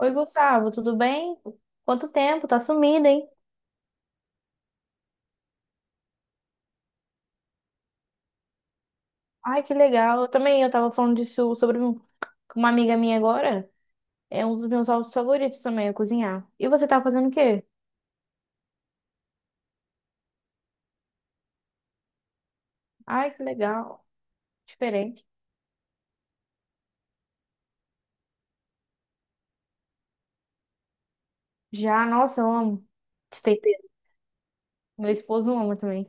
Oi, Gustavo, tudo bem? Quanto tempo? Tá sumido, hein? Ai, que legal. Eu também, eu tava falando disso sobre um- com uma amiga minha agora. É um dos meus hobbies favoritos também, é cozinhar. E você tá fazendo o quê? Ai, que legal. Diferente. Já, nossa, eu amo. De tempero. Meu esposo ama também.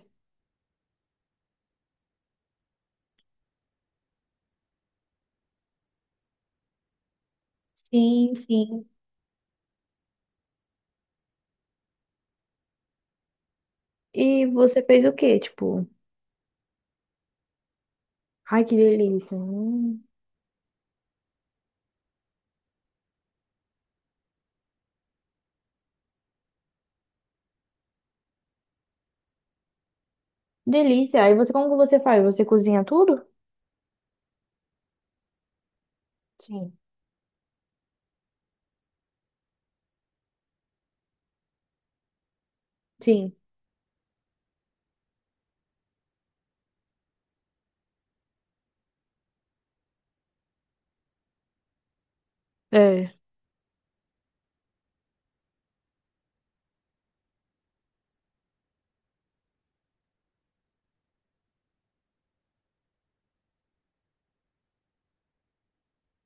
Sim, sim. E você fez o quê? Tipo, ai, que delícia. Delícia. E você, como que você faz? Você cozinha tudo? Sim. Sim. É.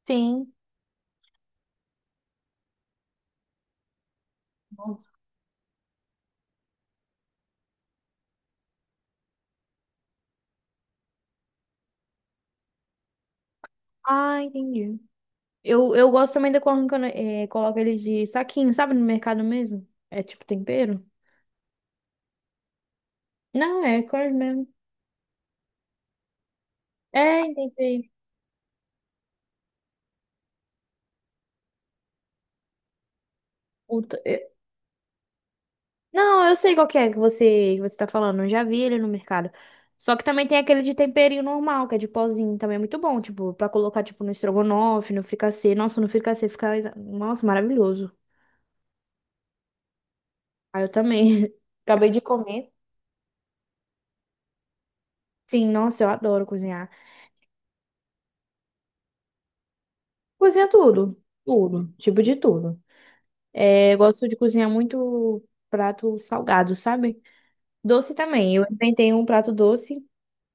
Sim. Nossa. Ah, entendi. Eu gosto também da quando coloca eles de saquinho, sabe? No mercado mesmo. É tipo tempero? Não, é corn mesmo. É, entendi. Puta, é- Não, eu sei qual que é que você tá falando. Eu já vi ele no mercado. Só que também tem aquele de temperinho normal, que é de pozinho. Também é muito bom, tipo, pra colocar, tipo, no estrogonofe, no fricassê. Nossa, no Nossa, maravilhoso. Ah, eu também. Acabei de comer. Sim, nossa, eu adoro cozinhar. Cozinha tudo. Tudo. Tipo de tudo. É, eu gosto de cozinhar muito prato salgado, sabe? Doce também. Eu inventei um prato doce,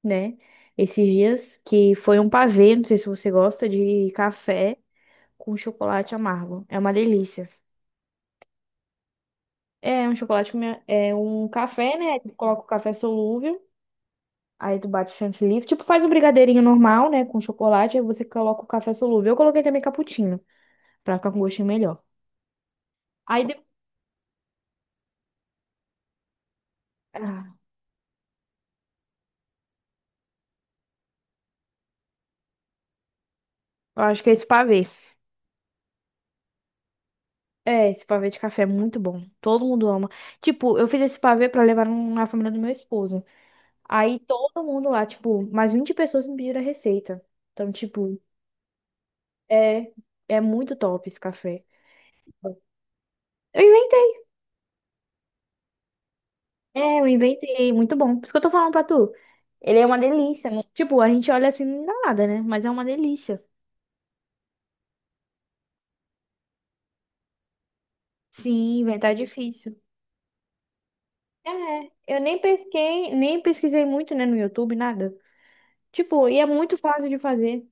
né? Esses dias, que foi um pavê, não sei se você gosta, de café com chocolate amargo. É uma delícia. É um café, né? Aí tu coloca o café solúvel, aí tu bate o chantilly. Tipo, faz um brigadeirinho normal, né? Com chocolate, aí você coloca o café solúvel. Eu coloquei também cappuccino, pra ficar com um gostinho melhor. Aí depois... Eu acho que é esse pavê. É, esse pavê de café é muito bom. Todo mundo ama. Tipo, eu fiz esse pavê pra levar na família do meu esposo. Aí todo mundo lá, tipo, mais 20 pessoas me pediram a receita. Então, tipo, é, é muito top esse café. Eu inventei. É, eu inventei. Muito bom. Por isso que eu tô falando pra tu. Ele é uma delícia, né? Tipo, a gente olha assim, não dá nada, né? Mas é uma delícia. Sim, inventar é difícil. É, eu nem pesquisei muito, né, no YouTube, nada. Tipo, e é muito fácil de fazer.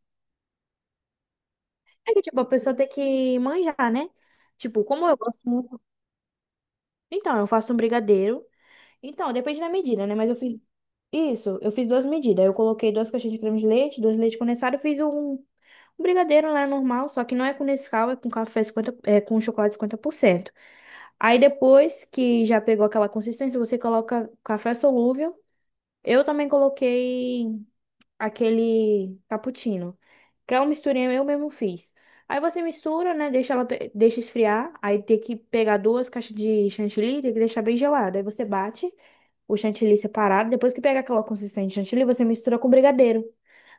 É que, tipo, a pessoa tem que manjar, né? Tipo, como eu gosto muito. Então, eu faço um brigadeiro. Então, depende da medida, né? Mas eu fiz isso, eu fiz duas medidas. Eu coloquei duas caixinhas de creme de leite, dois leite condensado, e um brigadeiro lá normal, só que não é com Nescau, é com café 50, é com chocolate 50%. Aí depois que já pegou aquela consistência, você coloca café solúvel. Eu também coloquei aquele cappuccino, que é uma misturinha eu mesmo fiz. Aí você mistura, né? Deixa esfriar. Aí tem que pegar duas caixas de chantilly, tem que deixar bem gelado. Aí você bate o chantilly separado. Depois que pega aquela consistência de chantilly, você mistura com brigadeiro.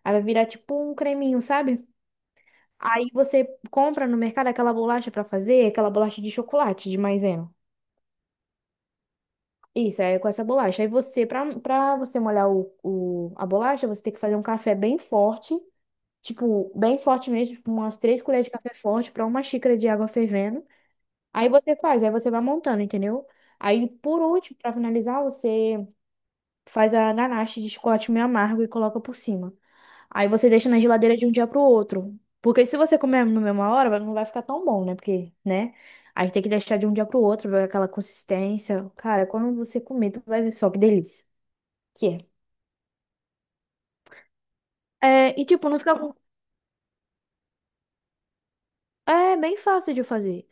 Aí vai virar tipo um creminho, sabe? Aí você compra no mercado aquela bolacha pra fazer, aquela bolacha de chocolate, de maisena. Isso, aí é com essa bolacha. Aí pra você molhar a bolacha, você tem que fazer um café bem forte, tipo, bem forte mesmo, tipo, umas 3 colheres de café forte para uma xícara de água fervendo. Aí você vai montando, entendeu? Aí, por último, para finalizar, você faz a ganache de chocolate meio amargo e coloca por cima. Aí você deixa na geladeira de um dia pro outro. Porque se você comer na mesma hora, não vai ficar tão bom, né? Porque, né? Aí tem que deixar de um dia pro outro, vai aquela consistência. Cara, quando você comer, tu vai ver só que delícia que é. É, e tipo, não fica. É bem fácil de fazer.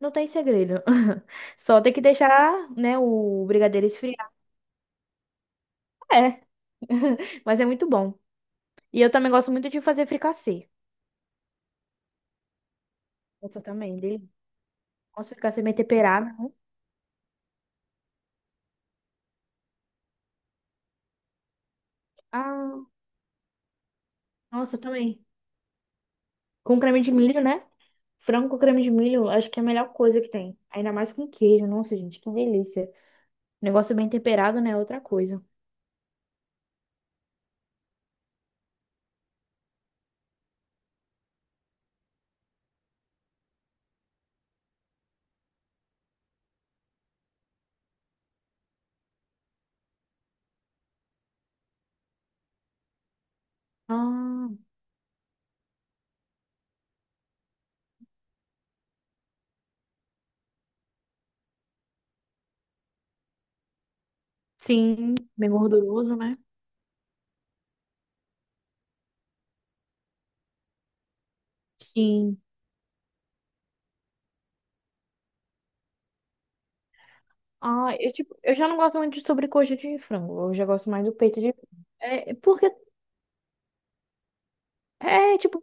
Não tem segredo. Só tem que deixar, né, o brigadeiro esfriar. É, mas é muito bom. E eu também gosto muito de fazer fricassê. Nossa, também, dele. Nossa, fricassê bem temperado, né? Ah, nossa, também. Com creme de milho, né? Frango com creme de milho, acho que é a melhor coisa que tem. Ainda mais com queijo. Nossa, gente, que delícia. Negócio bem temperado, né? É outra coisa. Ah, sim. Bem gorduroso, né? Sim. Ah, eu, tipo, eu já não gosto muito de sobrecoxa de frango. Eu já gosto mais do peito de é, porque É, tipo,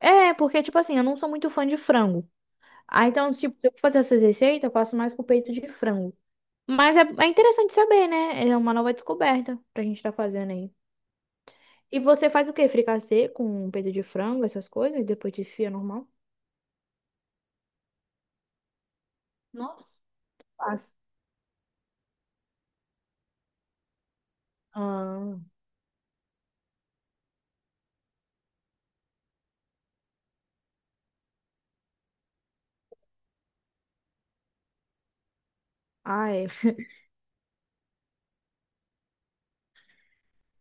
é, porque, tipo assim, eu não sou muito fã de frango. Ah, então, tipo, se eu fazer essas receitas, eu faço mais com peito de frango. Mas é, é interessante saber, né? É uma nova descoberta pra gente tá fazendo aí. E você faz o quê? Fricassê com peito de frango, essas coisas, e depois desfia normal? Nossa. Faz. Ah, ah, é.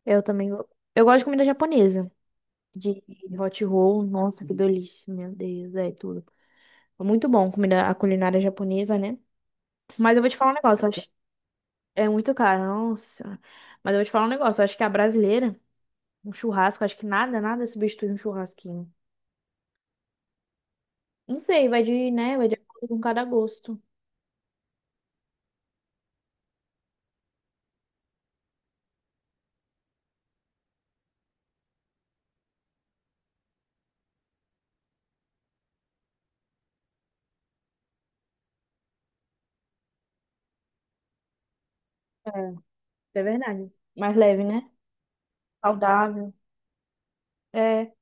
Eu também. Eu gosto de comida japonesa. De hot roll. Nossa, que delícia. Meu Deus, é tudo. É muito bom comida, a culinária japonesa, né? Mas eu vou te falar um negócio. É muito caro, nossa. Mas eu vou te falar um negócio, eu acho que a brasileira, um churrasco, acho que nada, nada substitui um churrasquinho. Não sei, vai de, né, vai de acordo com cada gosto. É, isso é verdade. Mais leve, né? Saudável. É.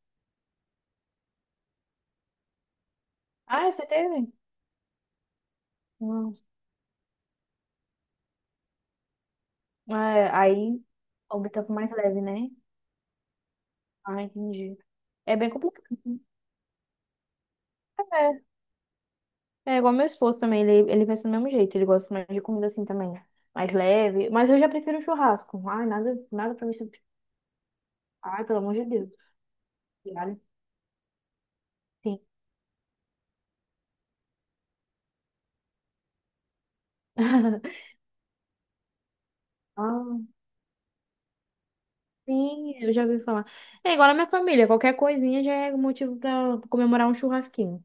Ah, você teve? Nossa. É, aí opta por mais leve, né? Ah, entendi. É bem complicado, né? É, é igual meu esposo também, ele pensa do mesmo jeito, ele gosta mais de comida assim também, mais leve, mas eu já prefiro um churrasco. Ai, nada, nada pra mim, sub- ai, pelo amor de Deus. Diário? Sim. Ah, sim, eu já ouvi falar. É igual na minha família, qualquer coisinha já é motivo pra comemorar um churrasquinho.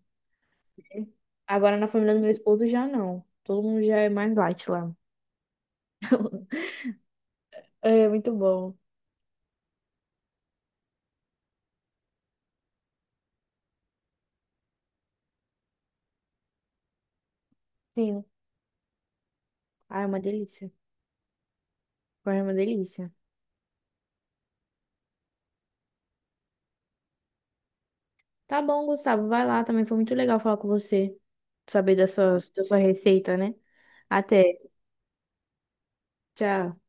Agora na família do meu esposo já não. Todo mundo já é mais light lá. É muito bom. Sim. Ah, é uma delícia. Foi uma delícia. Tá bom, Gustavo, vai lá também. Foi muito legal falar com você. Saber da sua receita, né? Até. Tchau.